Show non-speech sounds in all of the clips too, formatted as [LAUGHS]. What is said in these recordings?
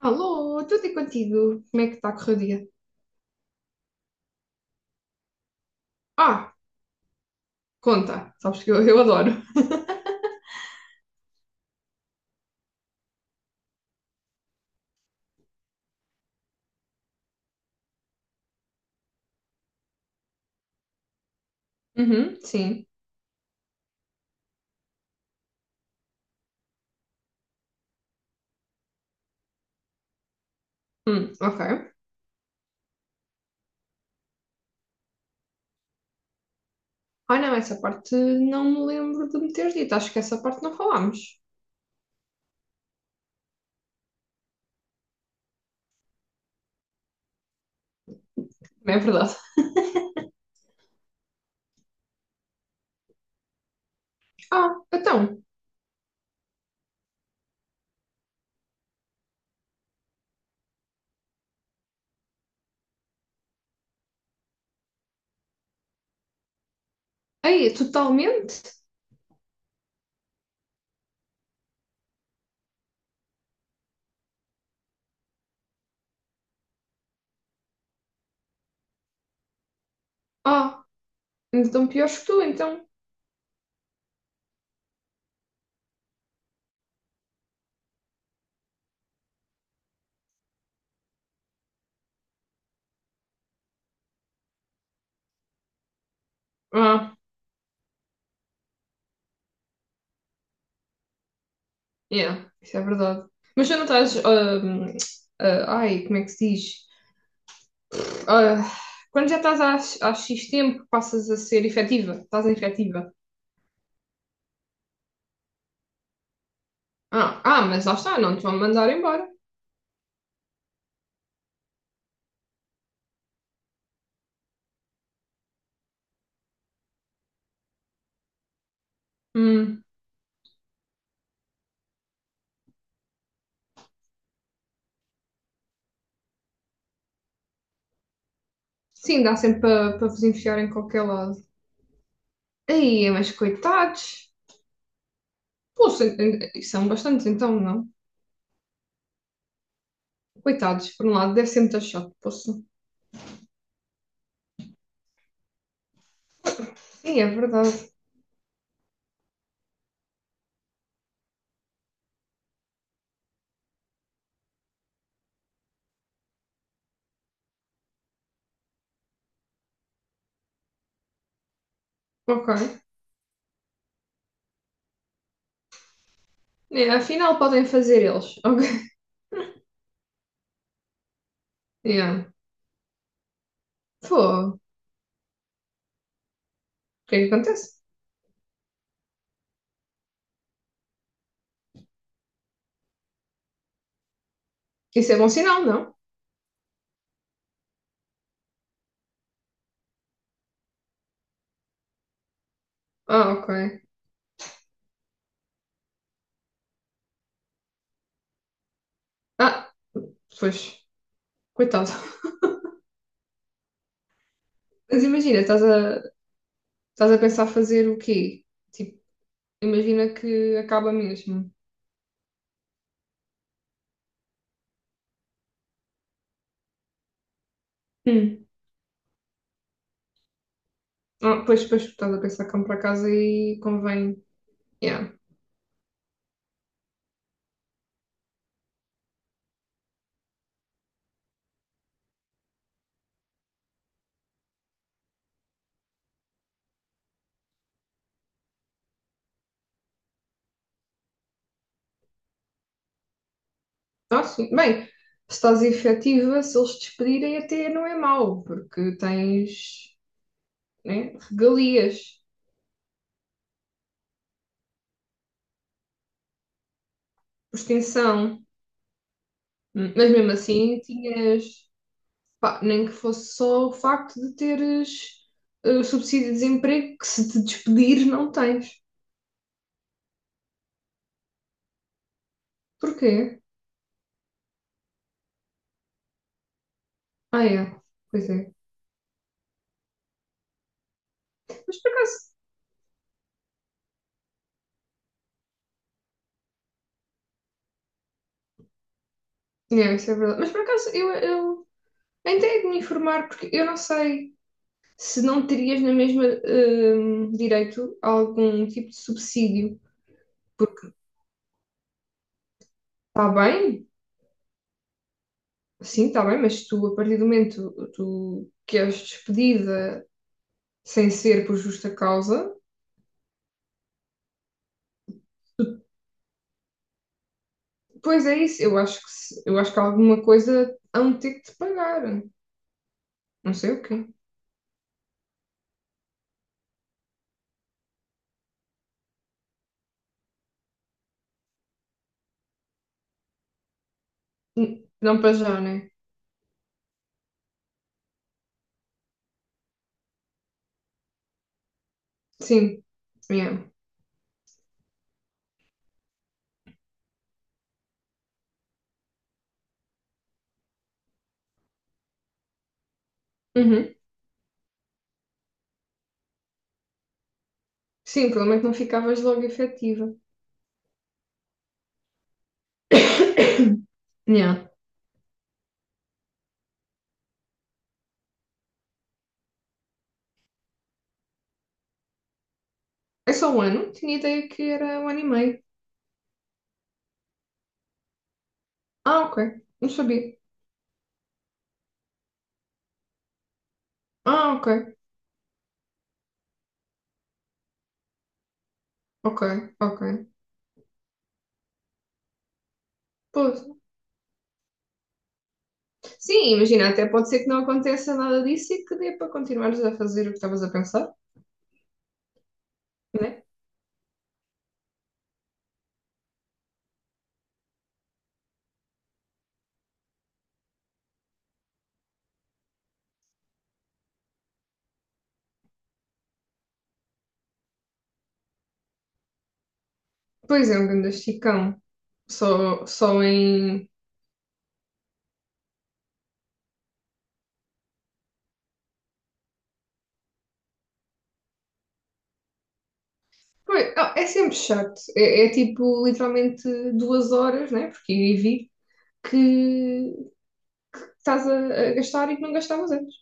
Alô, tudo e contigo? Como é que está a correr o dia? Ah, conta. Sabes que eu adoro. Uhum, sim. Ok. Ah, não, essa parte não me lembro de me teres dito. Acho que essa parte não falámos. Não é verdade? [LAUGHS] Ah, então. Aí, totalmente? Ah, então piores que tu, então. Ah, yeah, isso é verdade. Mas já não estás, ah, ai, como é que se diz? Ah, quando já estás há X tempo, passas a ser efetiva. Estás em efetiva. Ah, mas lá está, não te vão mandar embora. Hum. Sim, dá sempre para vos enfiar em qualquer lado. Aí, mas coitados. Poxa, e são bastantes então, não? Coitados, por um lado, deve ser muito chato. Poxa. Sim, é verdade. Ok. É, afinal, podem fazer eles. [LAUGHS] Ok. Yeah. Pô, o que é que acontece? Isso é bom sinal, não? Ah, ok. Ah, pois, coitado. [LAUGHS] Mas imagina, estás a pensar fazer o quê? Tipo, imagina que acaba mesmo. Hum. Ah, pois, pois, estás a pensar como para casa e convém. Yeah. Ah, sim. Bem, se estás efetiva, se eles te despedirem, até não é mau, porque tens, né, regalias por extensão. Mas mesmo assim, tinhas, pá, nem que fosse só o facto de teres o subsídio de desemprego, que se te despedir, não tens. Porquê? Ah, é. Pois é. Mas por acaso. É isso, é verdade. Mas por acaso, eu até hei de me informar, porque eu não sei, se não terias na mesma direito a algum tipo de subsídio. Porque está bem, sim, está bem, mas tu, a partir do momento tu, que és despedida sem ser por justa causa, pois é isso. Eu acho que, se- eu acho que alguma coisa hão de ter que te pagar. Não sei o quê. Não para já, né? Sim. Yeah. Uhum. Sim, pelo menos não ficavas logo efetiva. [COUGHS] Yeah. É só um ano? Tinha ideia que era um ano e meio. Ah, ok. Não sabia. Ah, ok, ok, ok. Pois. Sim, imagina, até pode ser que não aconteça nada disso e que dê para continuares a fazer o que estavas a pensar, né? Pois é, um grande esticão. Só em. Pois, ah, é sempre chato. É tipo literalmente 2 horas, né? Porque ir e vir, que, que estás a gastar e que não gastavas antes.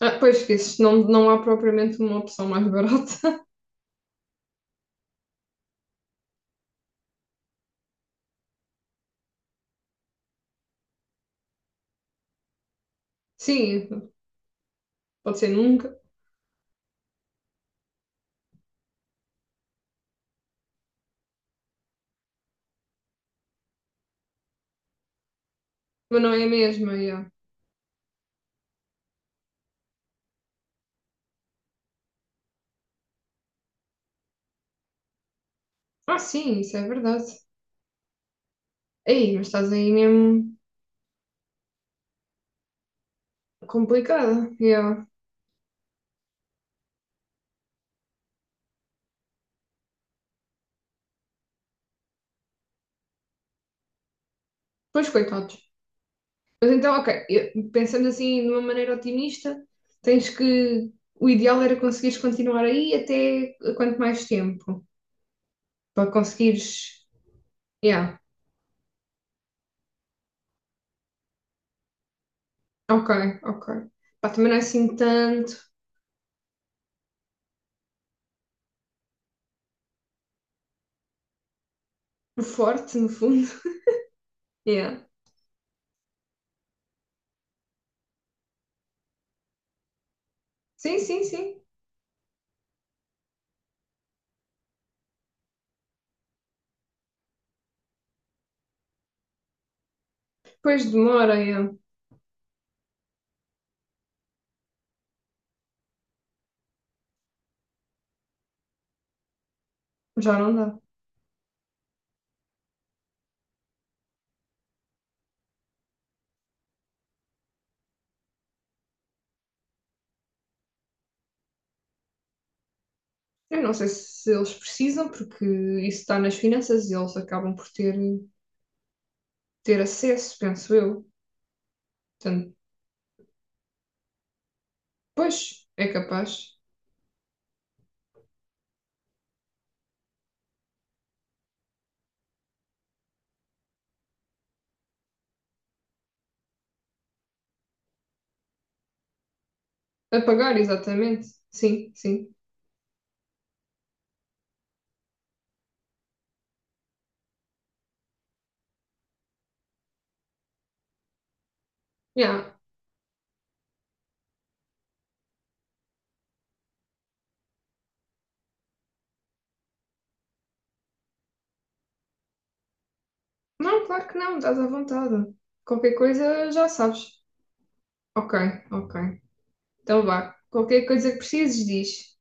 Ah, pois esqueces, não há propriamente uma opção mais barata. [LAUGHS] Sim, pode ser nunca, mas não é a mesma. Yeah. Ah, sim, isso é verdade. Ei, mas estás aí mesmo complicada. Yeah. Pois, coitados. Mas então, ok, pensando assim de uma maneira otimista, tens que. O ideal era conseguires continuar aí até quanto mais tempo? Para conseguires. Yeah, ok, ok. Pá, também não é assim tanto o forte, no fundo. [LAUGHS] Yeah. Sim, sim, sim. Depois demora, yeah. Já não dá. Eu não sei se eles precisam, porque isso está nas finanças e eles acabam por ter acesso, penso eu. Portanto, pois, é capaz. Apagar, exatamente. Sim, sim. Yeah. Não, claro que não, estás à vontade. Qualquer coisa já sabes. Ok, ok. Então vá. Qualquer coisa que precises, diz.